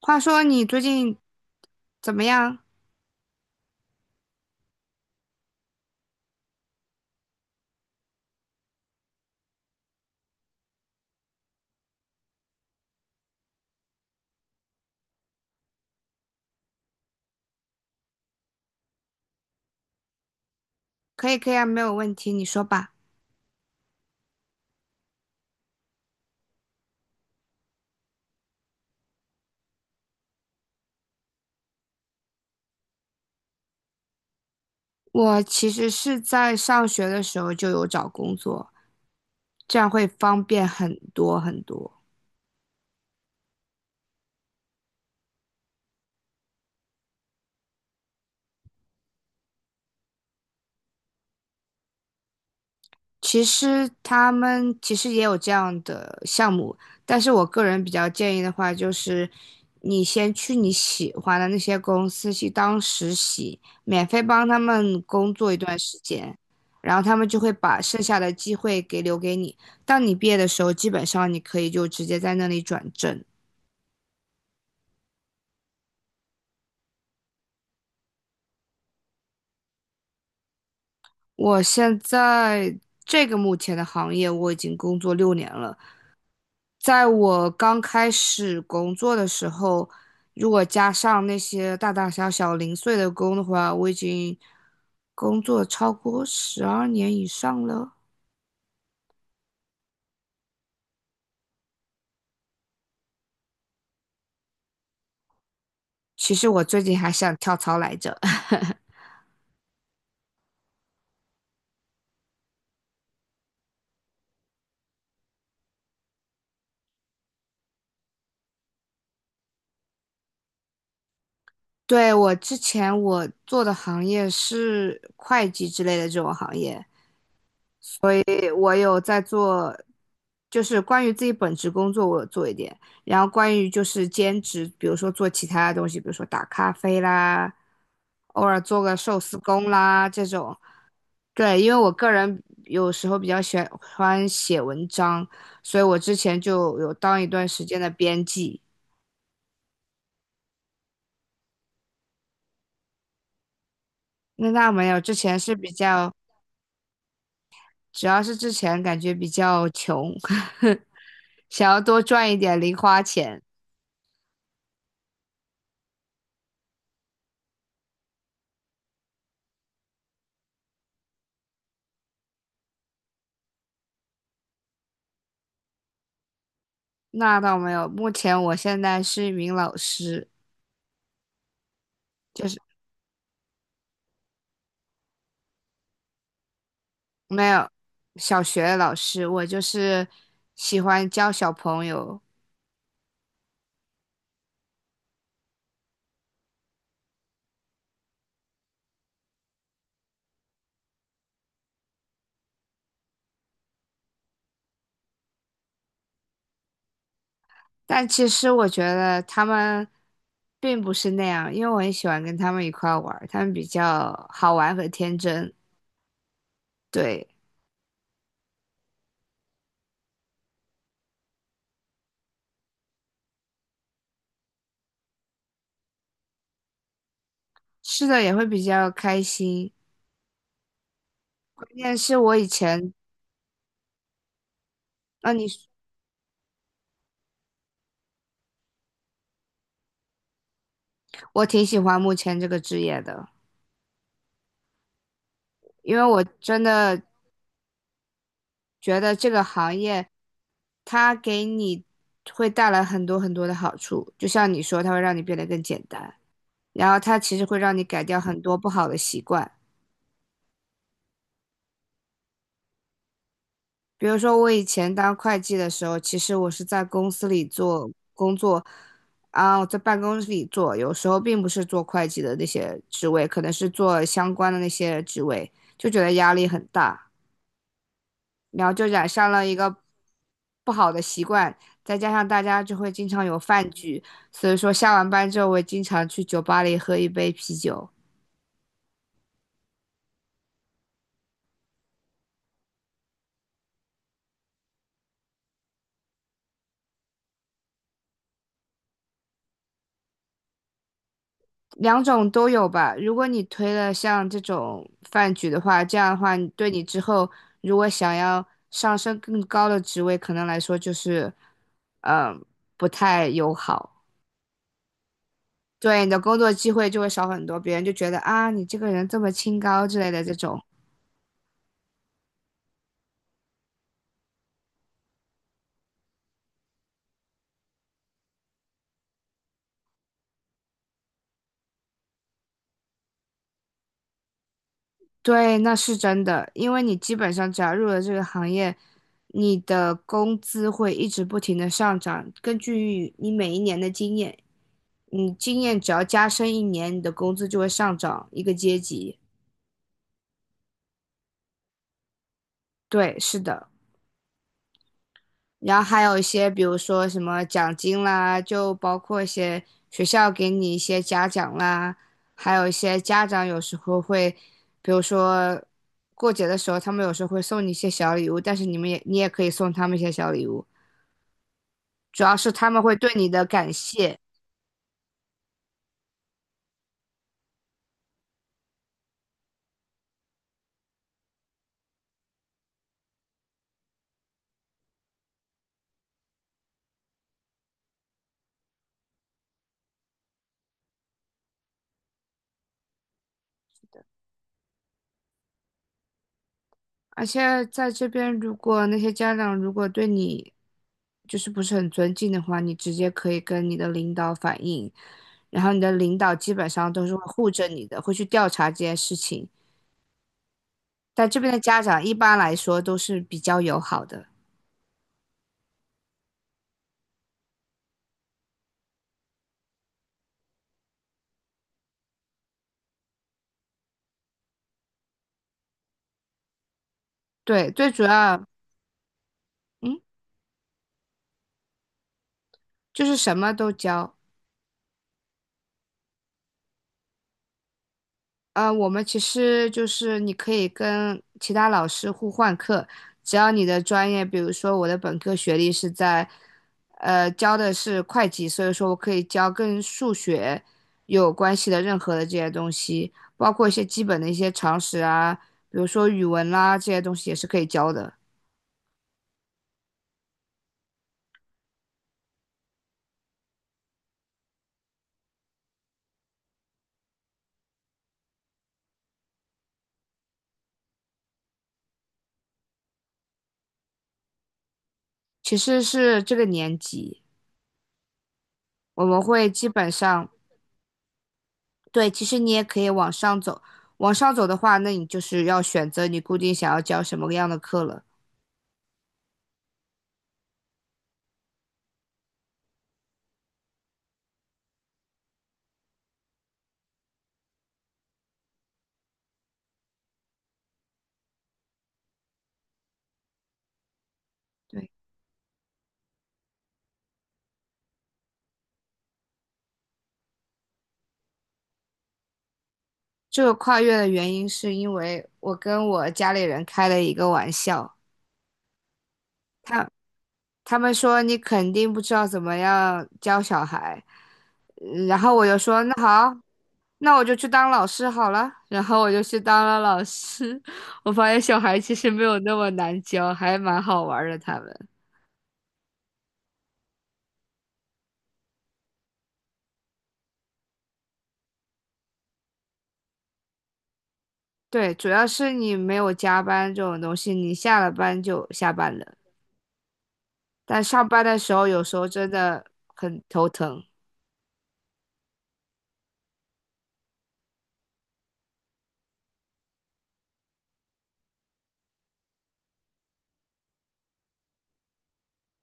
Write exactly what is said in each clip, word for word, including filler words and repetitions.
话说你最近怎么样？可以，可以啊，没有问题，你说吧。我其实是在上学的时候就有找工作，这样会方便很多很多。其实他们其实也有这样的项目，但是我个人比较建议的话，就是你先去你喜欢的那些公司去当实习，免费帮他们工作一段时间，然后他们就会把剩下的机会给留给你。当你毕业的时候，基本上你可以就直接在那里转正。我现在这个目前的行业，我已经工作六年了。在我刚开始工作的时候，如果加上那些大大小小零碎的工的话，我已经工作超过十二年以上了。其实我最近还想跳槽来着。对，我之前我做的行业是会计之类的这种行业，诶，我有在做，就是关于自己本职工作，我有做一点。然后关于就是兼职，比如说做其他的东西，比如说打咖啡啦，偶尔做个寿司工啦这种。对，因为我个人有时候比较喜欢写文章，所以我之前就有当一段时间的编辑。那那没有，之前是比较，主要是之前感觉比较穷，想要多赚一点零花钱。那倒没有，目前我现在是一名老师，就是没有小学老师，我就是喜欢教小朋友，但其实我觉得他们并不是那样，因为我很喜欢跟他们一块儿玩儿他们比较好玩和天真，对，是的也会比较开心。关键是我以前，啊你，我挺喜欢目前这个职业的，因为我真的觉得这个行业它给你会带来很多很多的好处，就像你说，它会让你变得更简单，然后它其实会让你改掉很多不好的习惯。比如说，我以前当会计的时候，其实我是在公司里做工作，啊，我在办公室里做，有时候并不是做会计的那些职位，可能是做相关的那些职位，就觉得压力很大。然后就染上了一个不好的习惯，再加上大家就会经常有饭局，所以说下完班之后，我经常去酒吧里喝一杯啤酒，两种都有吧。如果你推了像这种饭局的话，这样的话你对你之后如果想要上升更高的职位，可能来说就是，嗯，不太友好。对你的工作机会就会少很多，别人就觉得啊，你这个人这么清高之类的这种。对，那是真的，因为你基本上只要入了这个行业，你的工资会一直不停的上涨。根据你每一年的经验，你经验只要加深一年，你的工资就会上涨一个阶级。对，是的。然后还有一些，比如说什么奖金啦，就包括一些学校给你一些嘉奖啦，还有一些家长有时候会，比如说过节的时候，他们有时候会送你一些小礼物，但是你们也你也可以送他们一些小礼物，主要是他们会对你的感谢。而且在这边，如果那些家长如果对你就是不是很尊敬的话，你直接可以跟你的领导反映，然后你的领导基本上都是会护着你的，会去调查这件事情。但这边的家长一般来说都是比较友好的，对，最主要，嗯，就是什么都教。呃，我们其实就是你可以跟其他老师互换课，只要你的专业，比如说我的本科学历是在，呃，教的是会计，所以说我可以教跟数学有关系的任何的这些东西，包括一些基本的一些常识啊，比如说语文啦，这些东西也是可以教的。其实是这个年级，我们会基本上，对，其实你也可以往上走，往上走的话，那你就是要选择你固定想要教什么样的课了。对，这个跨越的原因是因为我跟我家里人开了一个玩笑，他他们说你肯定不知道怎么样教小孩，嗯然后我就说那好，那我就去当老师好了，然后我就去当了老师，我发现小孩其实没有那么难教，还蛮好玩儿的他们。对，主要是你没有加班这种东西，你下了班就下班了，但上班的时候有时候真的很头疼。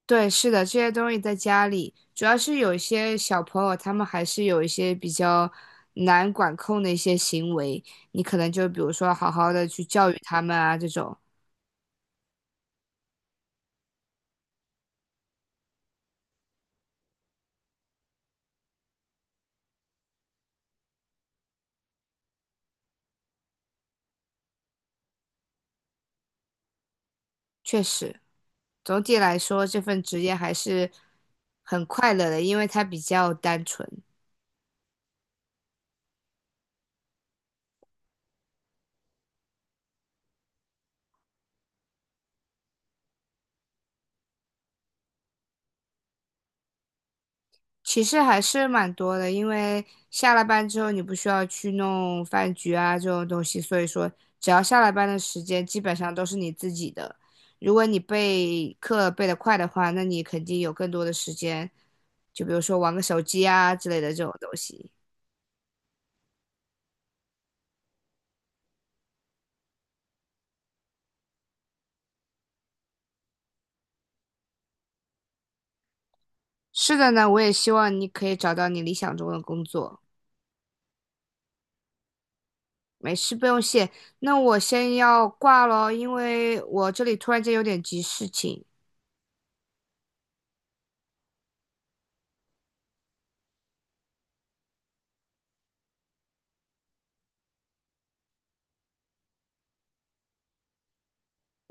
对，是的，这些东西在家里，主要是有一些小朋友，他们还是有一些比较难管控的一些行为，你可能就比如说好好的去教育他们啊，这种确实，总体来说这份职业还是很快乐的，因为它比较单纯。其实还是蛮多的，因为下了班之后你不需要去弄饭局啊这种东西，所以说只要下了班的时间基本上都是你自己的。如果你备课备得快的话，那你肯定有更多的时间，就比如说玩个手机啊之类的这种东西。是的呢，我也希望你可以找到你理想中的工作。没事，不用谢。那我先要挂咯，因为我这里突然间有点急事情。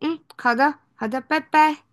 嗯，好的，好的，拜拜。